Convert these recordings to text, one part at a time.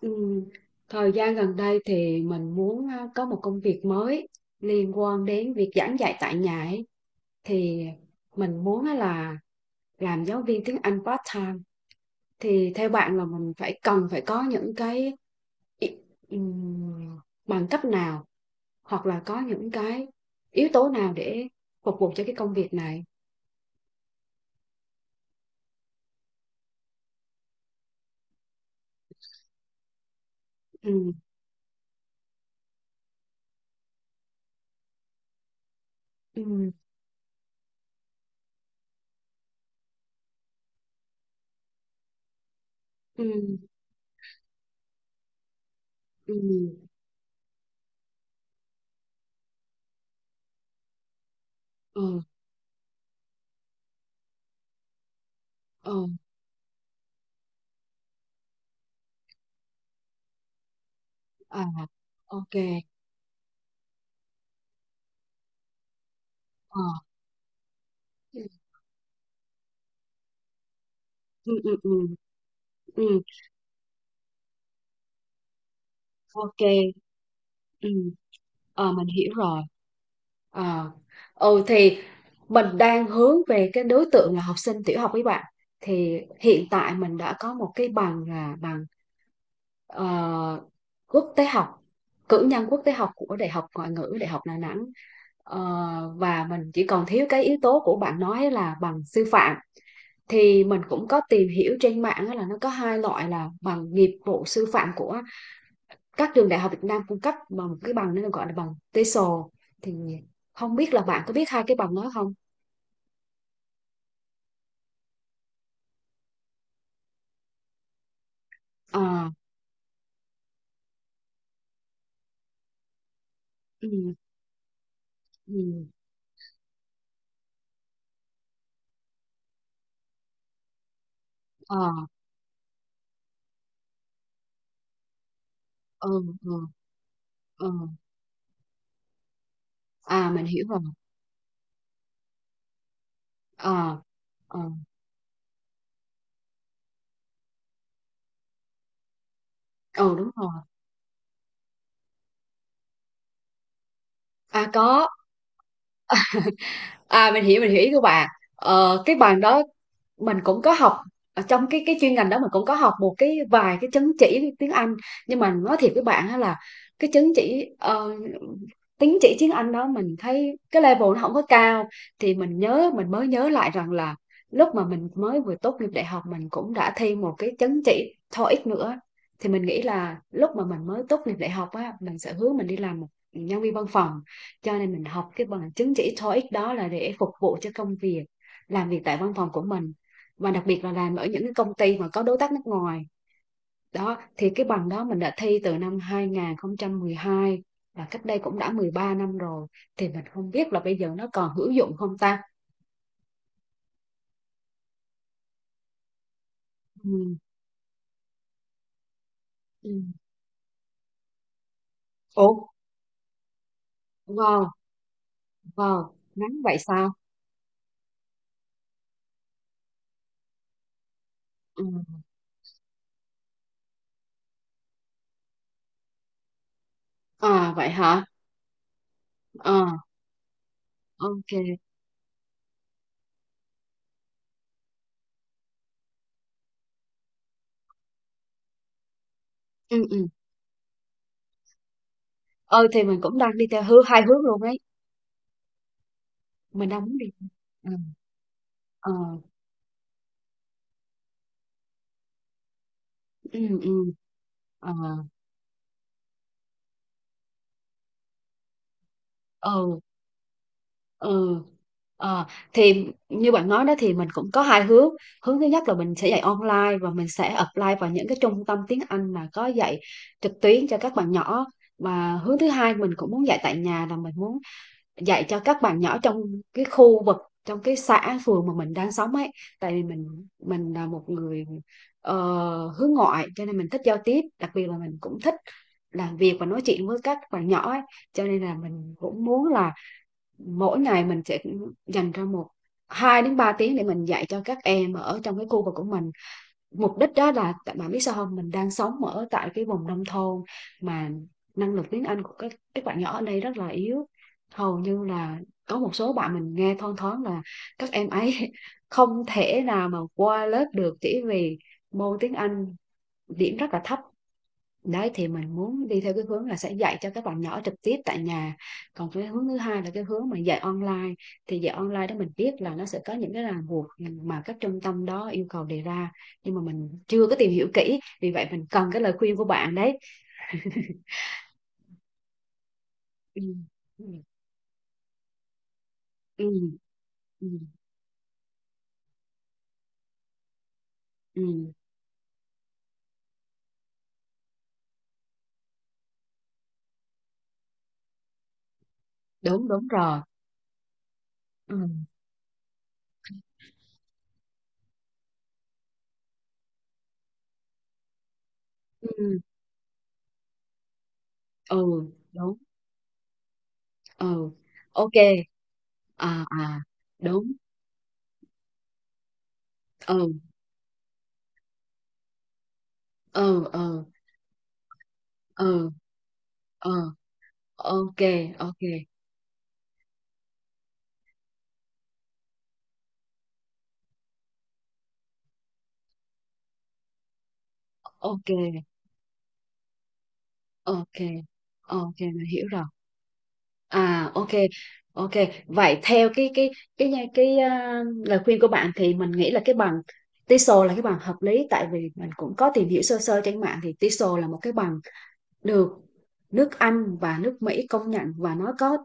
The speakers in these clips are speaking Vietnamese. Ừ, thời gian gần đây thì mình muốn có một công việc mới liên quan đến việc giảng dạy tại nhà ấy. Thì mình muốn á là làm giáo viên tiếng Anh part time. Thì theo bạn là mình phải cần phải có những cái ý- ừm, bằng cấp nào hoặc là có những cái yếu tố nào để phục vụ cho cái công việc này? Ừ, ừ, ừ, ừ, ừ, ừ, à, ok, ờ, ừ, ừ, ừ, ừ. Ok. Ừ. Ờ, mình hiểu rồi. Ờ. Ừ thì mình đang hướng về cái đối tượng là học sinh tiểu học với bạn. Thì hiện tại mình đã có một cái bằng là bằng ờ, quốc tế học, cử nhân quốc tế học của Đại học Ngoại ngữ Đại học Đà Nẵng. Ờ, và mình chỉ còn thiếu cái yếu tố của bạn nói là bằng sư phạm. Thì mình cũng có tìm hiểu trên mạng á là nó có hai loại là bằng nghiệp vụ sư phạm của các trường đại học Việt Nam cung cấp mà một cái bằng nó gọi là bằng TESOL, thì không biết là bạn có biết hai cái bằng đó không? À, ừ, ừ, à, ừ, ừ, ừ, à mình hiểu rồi, à, ừ, ừ, đúng rồi, à có. À mình hiểu, mình hiểu ý của bạn. Ờ, cái bằng đó mình cũng có học, ở trong cái chuyên ngành đó mình cũng có học một cái vài cái chứng chỉ tiếng Anh, nhưng mà nói thiệt với bạn á là cái chứng chỉ tín chỉ tiếng Anh đó mình thấy cái level nó không có cao. Thì mình nhớ, mình mới nhớ lại rằng là lúc mà mình mới vừa tốt nghiệp đại học mình cũng đã thi một cái chứng chỉ TOEIC nữa. Thì mình nghĩ là lúc mà mình mới tốt nghiệp đại học á, mình sẽ hướng mình đi làm một nhân viên văn phòng, cho nên mình học cái bằng chứng chỉ TOEIC đó là để phục vụ cho công việc làm việc tại văn phòng của mình, và đặc biệt là làm ở những cái công ty mà có đối tác nước ngoài. Đó, thì cái bằng đó mình đã thi từ năm 2012, và cách đây cũng đã 13 năm rồi, thì mình không biết là bây giờ nó còn hữu dụng không ta. Ừ. Ừ. Ủa, wow, wow, ngắn vậy sao? Ừ. À vậy hả? Ờ, ok. Ừ, ừ. Ờ thì mình cũng đang đi theo hướng hai hướng luôn ấy. Mình đang muốn đi. Ừ, ờ, ừ, ừ, ờ, ờ. Ừ. Ờ, thì như bạn nói đó thì mình cũng có hai hướng. Hướng thứ nhất là mình sẽ dạy online và mình sẽ apply vào những cái trung tâm tiếng Anh mà có dạy trực tuyến cho các bạn nhỏ. Và hướng thứ hai, mình cũng muốn dạy tại nhà, là mình muốn dạy cho các bạn nhỏ trong cái khu vực, trong cái xã phường mà mình đang sống ấy. Tại vì mình là một người ờ, hướng ngoại, cho nên mình thích giao tiếp, đặc biệt là mình cũng thích làm việc và nói chuyện với các bạn nhỏ ấy. Cho nên là mình cũng muốn là mỗi ngày mình sẽ dành ra một 2 đến 3 tiếng để mình dạy cho các em ở trong cái khu vực của mình. Mục đích đó là bạn biết sao không? Mình đang sống ở tại cái vùng nông thôn, mà năng lực tiếng Anh của các bạn nhỏ ở đây rất là yếu. Hầu như là có một số bạn mình nghe thoang thoáng là các em ấy không thể nào mà qua lớp được chỉ vì môn tiếng Anh điểm rất là thấp đấy. Thì mình muốn đi theo cái hướng là sẽ dạy cho các bạn nhỏ trực tiếp tại nhà. Còn cái hướng thứ hai là cái hướng mà dạy online, thì dạy online đó mình biết là nó sẽ có những cái ràng buộc mà các trung tâm đó yêu cầu đề ra, nhưng mà mình chưa có tìm hiểu kỹ, vì vậy mình cần cái lời khuyên của bạn đấy. Ừ. Ừ. Ừ. Ừ. Ừ. Đúng, đúng rồi. Ừ. Ừ. Ừ đúng. Ừ. Ok. À à. Đúng. Ừ, ừ, ừ, ừ, ừ. Ok, ok, ok, ok, ok mình hiểu rồi. À ok. Ok, vậy theo cái lời khuyên của bạn thì mình nghĩ là cái bằng TESOL là cái bằng hợp lý, tại vì mình cũng có tìm hiểu sơ sơ trên mạng thì TESOL là một cái bằng được nước Anh và nước Mỹ công nhận, và nó có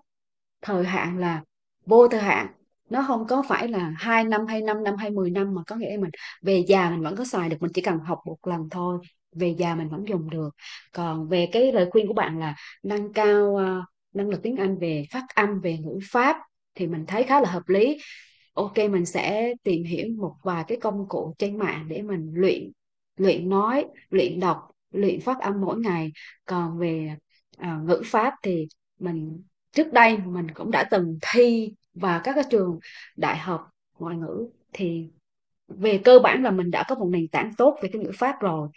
thời hạn là vô thời hạn. Nó không có phải là hai năm hay năm năm hay 10 năm, mà có nghĩa là mình về già mình vẫn có xài được, mình chỉ cần học một lần thôi, về già mình vẫn dùng được. Còn về cái lời khuyên của bạn là nâng cao năng lực tiếng Anh về phát âm về ngữ pháp, thì mình thấy khá là hợp lý. Ok, mình sẽ tìm hiểu một vài cái công cụ trên mạng để mình luyện, luyện nói luyện đọc luyện phát âm mỗi ngày. Còn về ngữ pháp thì mình, trước đây mình cũng đã từng thi vào các cái trường đại học ngoại ngữ, thì về cơ bản là mình đã có một nền tảng tốt về cái ngữ pháp rồi.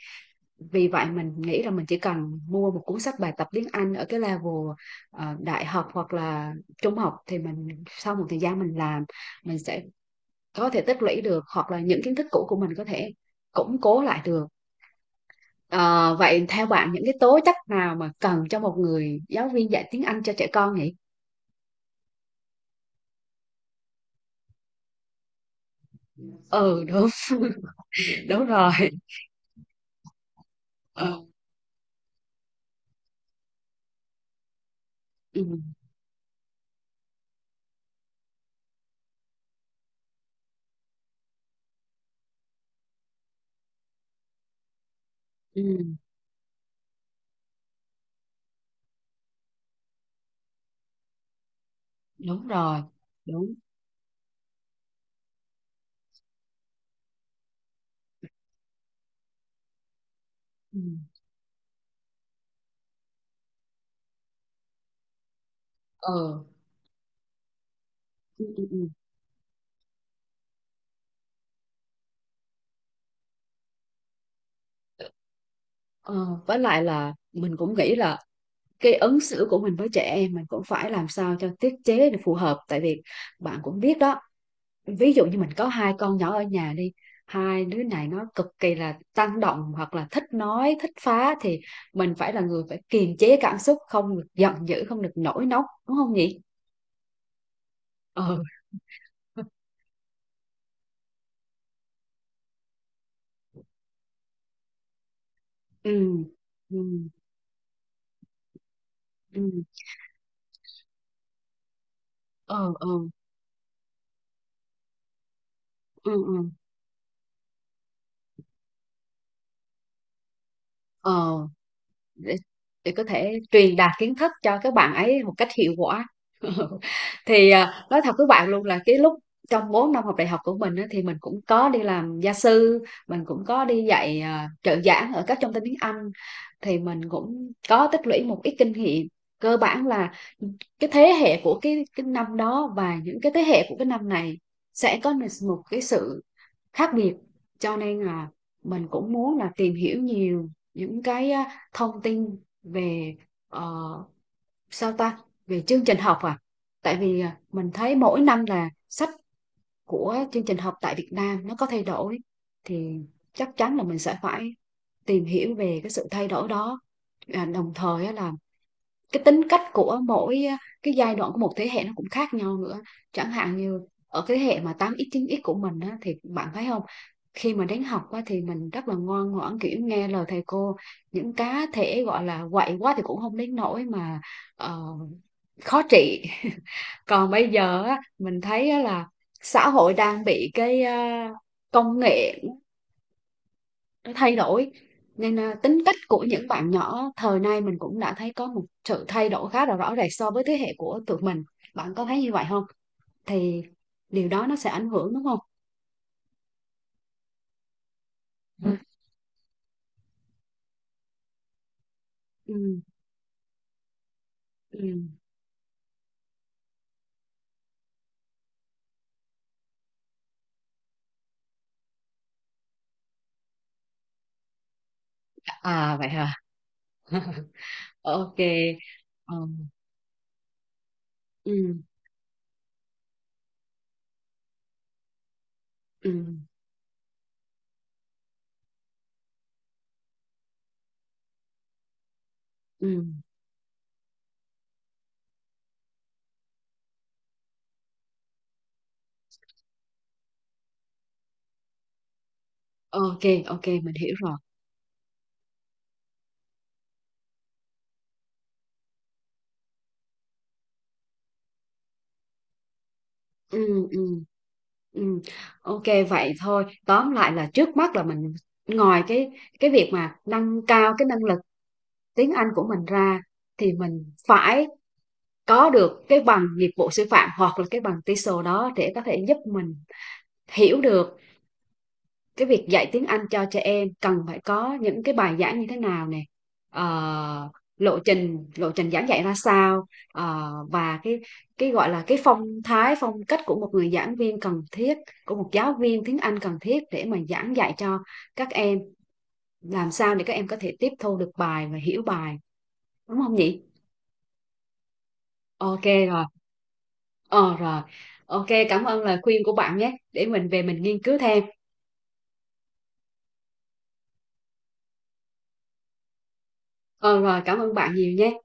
Vì vậy mình nghĩ là mình chỉ cần mua một cuốn sách bài tập tiếng Anh ở cái level đại học hoặc là trung học, thì mình sau một thời gian mình làm, mình sẽ có thể tích lũy được, hoặc là những kiến thức cũ của mình có thể củng cố lại được. Ờ, vậy theo bạn những cái tố chất nào mà cần cho một người giáo viên dạy tiếng Anh cho trẻ con nhỉ? Ừ đúng. Đúng rồi. Ừ, ừ, ừ, đúng rồi, đúng. Ừ, ừ, ừ, ừ. Ừ. Ờ, với lại là mình cũng nghĩ là cái ứng xử của mình với trẻ em mình cũng phải làm sao cho tiết chế để phù hợp, tại vì bạn cũng biết đó, ví dụ như mình có hai con nhỏ ở nhà đi, hai đứa này nó cực kỳ là tăng động hoặc là thích nói thích phá, thì mình phải là người phải kiềm chế cảm xúc, không được giận dữ, không được nổi nóng, đúng không nhỉ? Ờ, ừ, ừ, ừ, ừ, ừ, ừ, ừ. Ờ. để, để có thể truyền đạt kiến thức cho các bạn ấy một cách hiệu quả. Thì nói thật với bạn luôn là cái lúc trong 4 năm học đại học của mình á, thì mình cũng có đi làm gia sư, mình cũng có đi dạy trợ giảng ở các trung tâm tiếng Anh, thì mình cũng có tích lũy một ít kinh nghiệm. Cơ bản là cái thế hệ của cái năm đó và những cái thế hệ của cái năm này sẽ có một cái sự khác biệt, cho nên là mình cũng muốn là tìm hiểu nhiều những cái thông tin về ờ, sao ta về chương trình học, à tại vì mình thấy mỗi năm là sách của chương trình học tại Việt Nam nó có thay đổi, thì chắc chắn là mình sẽ phải tìm hiểu về cái sự thay đổi đó. À, đồng thời á là cái tính cách của mỗi cái giai đoạn của một thế hệ nó cũng khác nhau nữa. Chẳng hạn như ở cái thế hệ mà tám x chín x của mình á, thì bạn thấy không, khi mà đến học á, thì mình rất là ngoan ngoãn, kiểu nghe lời thầy cô, những cá thể gọi là quậy quá thì cũng không đến nỗi mà ờ, khó trị. Còn bây giờ á, mình thấy á là xã hội đang bị cái công nghệ nó thay đổi, nên tính cách của những bạn nhỏ thời nay mình cũng đã thấy có một sự thay đổi khá là rõ rệt so với thế hệ của tụi mình. Bạn có thấy như vậy không? Thì điều đó nó sẽ ảnh hưởng đúng không? Ừ, ừ, ừ. À vậy hả? Ok. Ờ, ừ, ừ, ừ. Ok, ok mình hiểu rồi. Ừ, ừ. Ừ, ok, vậy thôi tóm lại là trước mắt là mình, ngoài cái việc mà nâng cao cái năng lực tiếng Anh của mình ra, thì mình phải có được cái bằng nghiệp vụ sư phạm hoặc là cái bằng TESOL đó để có thể giúp mình hiểu được cái việc dạy tiếng Anh cho trẻ em cần phải có những cái bài giảng như thế nào nè, ờ, lộ trình giảng dạy ra sao, ờ, và cái gọi là cái phong cách của một người giảng viên cần thiết, của một giáo viên tiếng Anh cần thiết, để mà giảng dạy cho các em, làm sao để các em có thể tiếp thu được bài và hiểu bài, đúng không nhỉ? Ok, rồi. Ờ rồi, ok cảm ơn lời khuyên của bạn nhé, để mình về mình nghiên cứu thêm. Ờ rồi, cảm ơn bạn nhiều nhé.